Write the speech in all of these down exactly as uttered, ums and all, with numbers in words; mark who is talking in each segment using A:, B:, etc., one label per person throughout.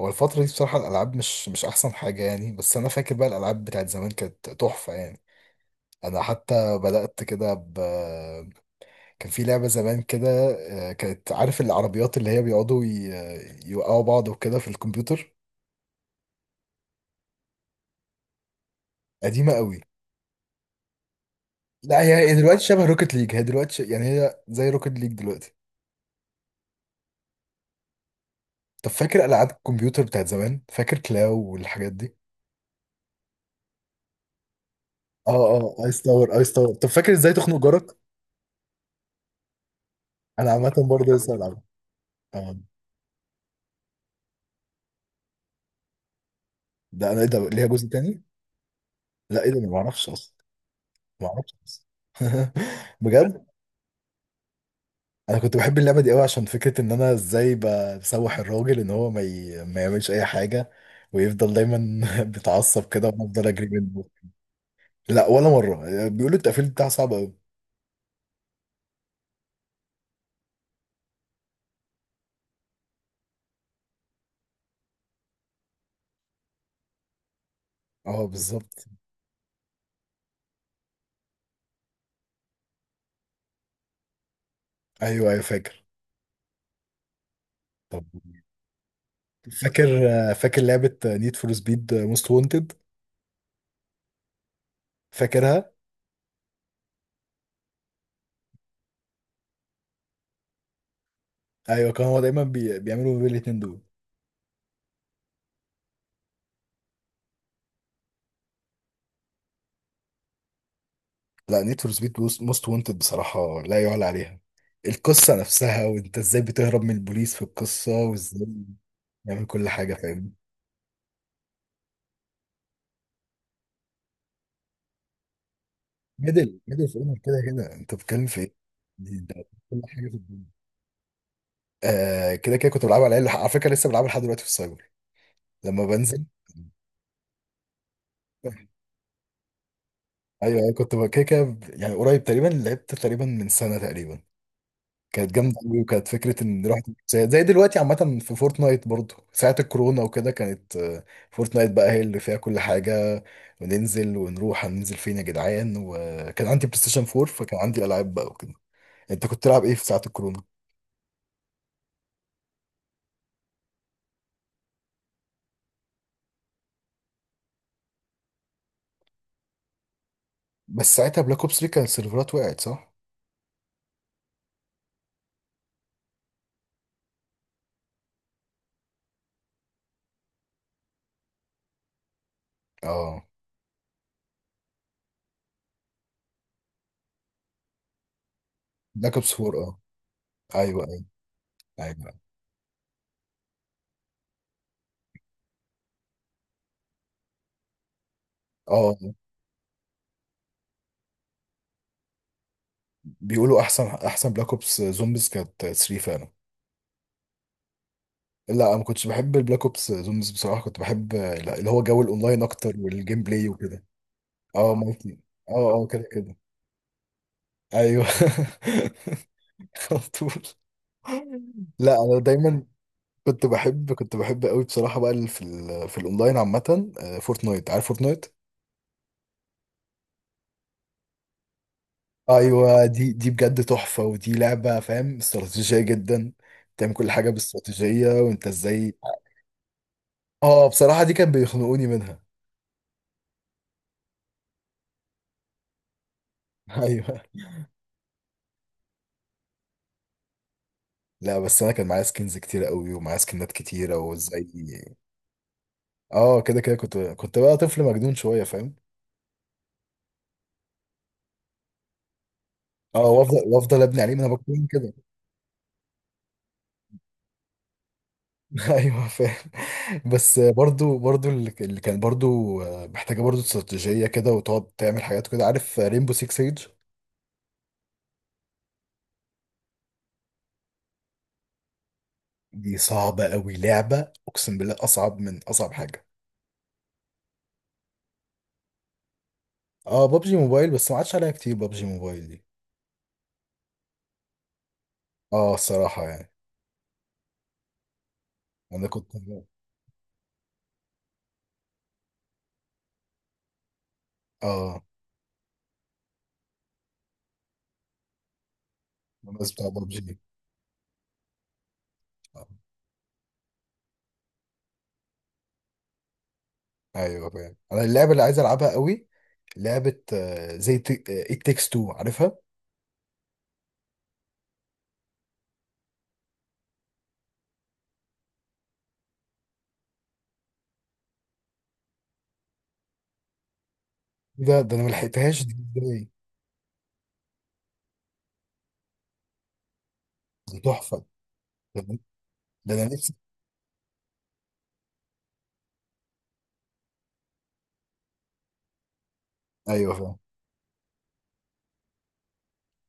A: هو الفترة دي بصراحة الألعاب مش مش أحسن حاجة يعني، بس أنا فاكر بقى الألعاب بتاعت زمان كانت تحفة يعني. أنا حتى بدأت كده ب... كان في لعبة زمان كده، آه، كانت، عارف العربيات اللي هي بيقعدوا ي... يوقعوا بعض وكده في الكمبيوتر. قديمة قوي. لا هي هي دلوقتي شبه روكت ليج، هي دلوقتي ش... يعني هي زي روكت ليج دلوقتي. طب فاكر ألعاب الكمبيوتر بتاعت زمان، فاكر كلاو والحاجات دي. اه، اه ايس تاور، ايس تاور. طب فاكر ازاي تخنق جارك؟ انا عامه برضه لسه بلعبها. آه. ده انا ايه ده، ليها جزء تاني؟ لا، ايه ده، انا ما اعرفش اصلا. ما اعرفش اصلا. بجد. انا كنت بحب اللعبه دي قوي عشان فكره ان انا ازاي ب- بسوح الراجل ان هو ما, ي... ما يعملش اي حاجه، ويفضل دايما بيتعصب كده وانا افضل اجري منه. لا، ولا مره، بيقولوا التقفيل بتاعها صعب قوي. اه بالظبط. ايوه، ايوه فاكر. طب فاكر فاكر لعبه نيد فور سبيد موست وونتد. فاكرها. ايوه، كان هو دايما بي... بيعملوا ما بين الاتنين دول. لا، نيد فور سبيد موست وانتد بصراحة لا يعلى عليها. القصة نفسها، وانت ازاي بتهرب من البوليس في القصة، وازاي بتعمل كل حاجة، فاهم. ميدل ميدل في اونر، كده كده انت بتتكلم في ايه. دي- ده كل حاجة في الدنيا. آه كده كده كنت بلعبها على العيال، على فكرة لسه بلعبها لحد دلوقتي في السايبر لما بنزل. ايوه ايوه، كنت بقى كده كده يعني، قريب تقريبا لعبت تقريبا من سنة تقريبا. كانت جامده قوي، وكانت فكره ان رحت زي زي دلوقتي عامه في فورتنايت، برضو ساعه الكورونا وكده كانت آه، فورتنايت بقى هي اللي فيها كل حاجه، وننزل ونروح، هننزل فين يا جدعان؟ وكان عندي بلاي ستيشن فور، فكان عندي العاب بقى وكده. انت كنت تلعب ايه في ساعه الكورونا؟ بس ساعتها بلاك اوبس ثري كان السيرفرات وقعت، صح؟ اه، بلاك اوبس فور. اه ايوه ايوه ايوه. اه، بيقولوا احسن، احسن بلاك اوبس زومبيز كانت ثلاثة فعلا. لا، ما كنتش بحب البلاك اوبس زومز بصراحه، كنت بحب، لا، اللي هو جو الاونلاين اكتر والجيم بلاي وكده. اه اه مالتي. اه اه كده كده. ايوه. على طول. لا انا دايما. كنت بحب كنت بحب قوي بصراحه بقى، ال- في ال في الاونلاين عامه، آه، فورتنايت، عارف فورتنايت؟ ايوه، دي دي بجد تحفه، ودي لعبه فاهم، استراتيجيه جدا. بتعمل كل حاجه باستراتيجيه، وانت ازاي. اه بصراحه دي كان بيخنقوني منها. ايوه. لا بس انا كان معايا سكنز كتير قوي، ومعايا سكنات كتيره وازاي. اه كده كده كنت كنت بقى طفل مجنون شويه فاهم. اه، وافضل وافضل ابني عليه، ما انا بكون كده. ايوه فاهم. بس برضو برضو اللي اللي كان برضو محتاجه برضو استراتيجيه كده، وتقعد تعمل حاجات كده، عارف ريمبو سكس سيج؟ دي صعبه قوي لعبه، اقسم بالله اصعب من اصعب حاجه. اه بابجي موبايل، بس ما عادش عليها كتير بابجي موبايل دي. اه الصراحه يعني. انا كنت. اه الناس بتاع بابجي. ايوه فاهم، انا اللعبه اللي عايز العبها قوي لعبه، آه، زي ات تيكس تو، عارفها؟ ده ده انا ما لحقتهاش دي ازاي. دي تحفه. ده أنا- ده انا نفسي. ايوه فاهم.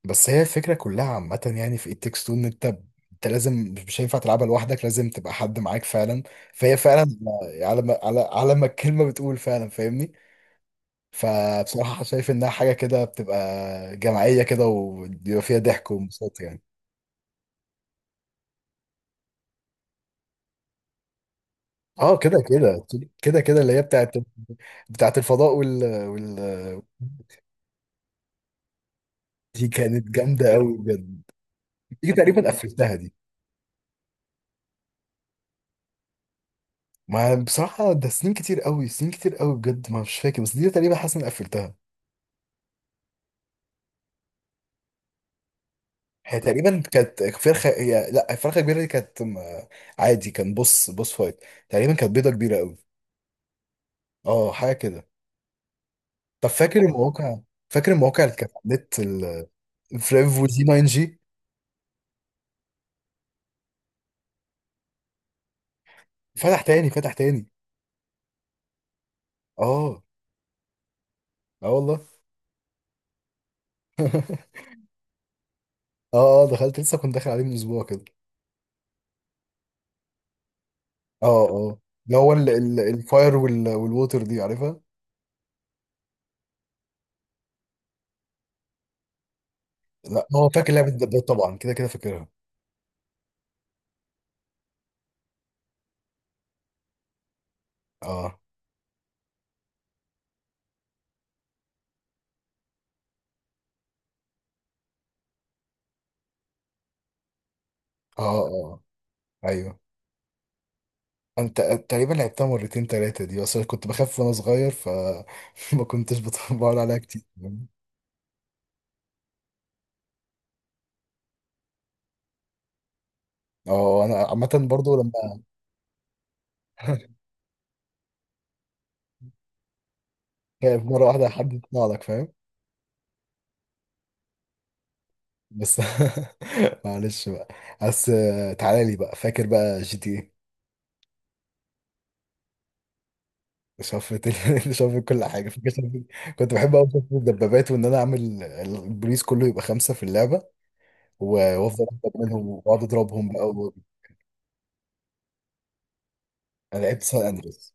A: بس هي الفكره كلها عامه يعني في ات تيكس تو، ان انت انت لازم، مش مش هينفع تلعبها لوحدك، لازم تبقى حد معاك فعلا. فهي فعلا على ما على على ما الكلمه بتقول فعلا فاهمني. فبصراحه شايف انها حاجه كده بتبقى جماعيه كده، وبيبقى فيها ضحك وانبساط يعني. اه كده كده. كده كده اللي هي بتاعت بتاعت الفضاء وال وال دي كانت جامده قوي بجد. دي تقريبا قفلتها دي. ما بصراحه ده سنين كتير قوي، سنين كتير قوي بجد، ما مش فاكر، بس دي تقريبا حاسس اني قفلتها. هي تقريبا كانت فرخه، هي لا فرخه كبيره دي كانت م- عادي، كان بص بص فايت، تقريبا كانت بيضه كبيره قوي. اه حاجه كده. طب فاكر المواقع، فاكر المواقع اللي كانت على النت ال- فريف وزي ناين جي. فتح تاني، فتح تاني. اه، اه والله. اه اه، دخلت لسه، كنت داخل عليه من اسبوع كده. اه اه، اللي هو ال- ال- الفاير وال- والووتر دي عارفها. لا هو فاكر لعبه الدبابات طبعا، كده كده فاكرها. اه اه اه. اه. ايوه. انت تقريبا لعبتها مرتين ثلاثه دي، بس أنا كنت بخاف وانا صغير ف ما كنتش بت- بقعد عليها كتير. اه اه. انا عامه برضو لما خايف مره واحده حد يطلع لك فاهم. بس معلش بقى. بس آه، تعالى لي بقى، فاكر بقى جي تي إيه؟ شفت ال- شفت كل حاجه، فاكر، شفت- كنت بحب قوي، شفت الدبابات، وان انا اعمل ال- البوليس كله يبقى خمسه في اللعبه، و- وافضل اهرب منهم، واقعد اضربهم بقى و- انا لعبت سان اندريس.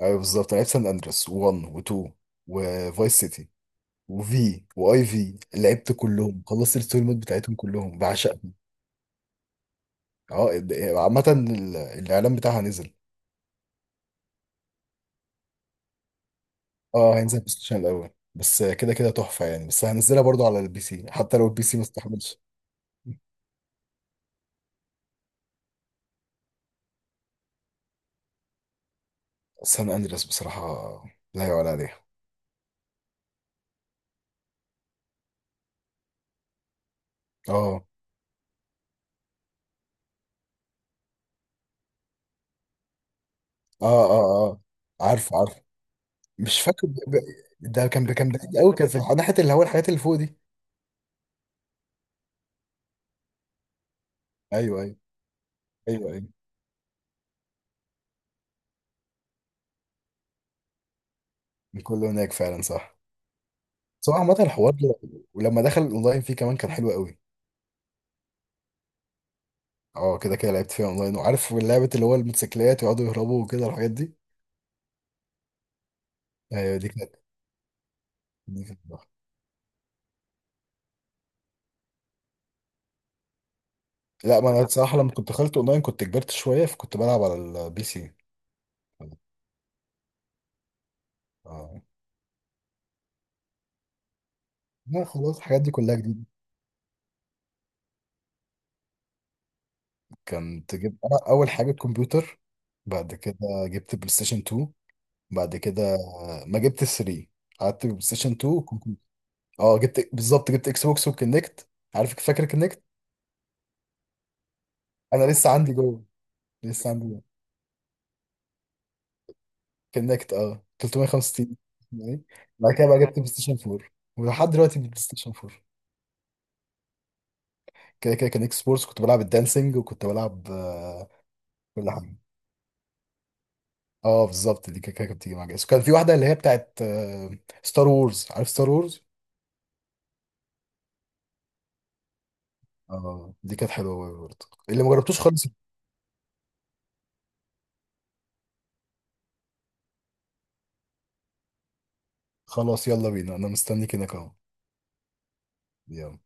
A: ايوه بالظبط، انا لعبت سان اندريس و واحد و اتنين وفايس سيتي، وفي واي في، لعبت كلهم، خلصت الستوري مود بتاعتهم كلهم بعشقهم. اه ال- عامه ال- الاعلان بتاعها نزل. اه هينزل بلاي ستيشن الاول، بس كده كده تحفه يعني، بس هنزلها برضو على البي سي حتى لو البي سي ما استحملش. سان اندريس بصراحة، لا يعلى عليها. اه. اه اه اه. عارف عارف. مش فاكر ب- ب- ده كان كان بعيد قوي، كان في ناحية اللي هو الحاجات اللي فوق دي. ايوه ايوه ايوه ايوه. كله هناك فعلا صح. سواء عامة الحوار ده، ولما دخل الاونلاين فيه كمان كان حلو قوي. اه كده كده لعبت فيها اونلاين، وعارف لعبة اللي هو الموتوسيكلات، يقعدوا يهربوا وكده الحاجات دي. ايوه دي كانت، دي كانت تحفة. لا ما انا بصراحة لما كنت دخلت اونلاين كنت كبرت شوية، فكنت بلعب على البي سي. اه. آه. لا خلاص الحاجات دي كلها جديدة. كنت جبت أنا أول حاجة الكمبيوتر. بعد كده جبت بلاي ستيشن اتنين. بعد كده ما جبت ثري، قعدت بلاي ستيشن اتنين وكمبيوتر. اه، جبت بالظبط جبت اكس بوكس وكنكت. عارف فاكر كنكت؟ انا لسه عندي جوه، لسه عندي جوه. كنكت، اه، ثلاث ميه وخمسه وستين يعني. بعد كده بقى جبت بلاي ستيشن أربعة، ولحد دلوقتي بلاي ستيشن أربعة. كده كده كان اكس بورس كنت بلعب الدانسينج، وكنت بلعب آه، كل حاجه. اه بالظبط دي كده كده كانت بتيجي مع جايز، وكان في واحده اللي هي بتاعت ستار وورز، عارف ستار وورز؟ اه دي كانت حلوه أوي برضه، اللي ما جربتوش خالص. خلاص يلا بينا، انا مستنيك هناك اهو. يلا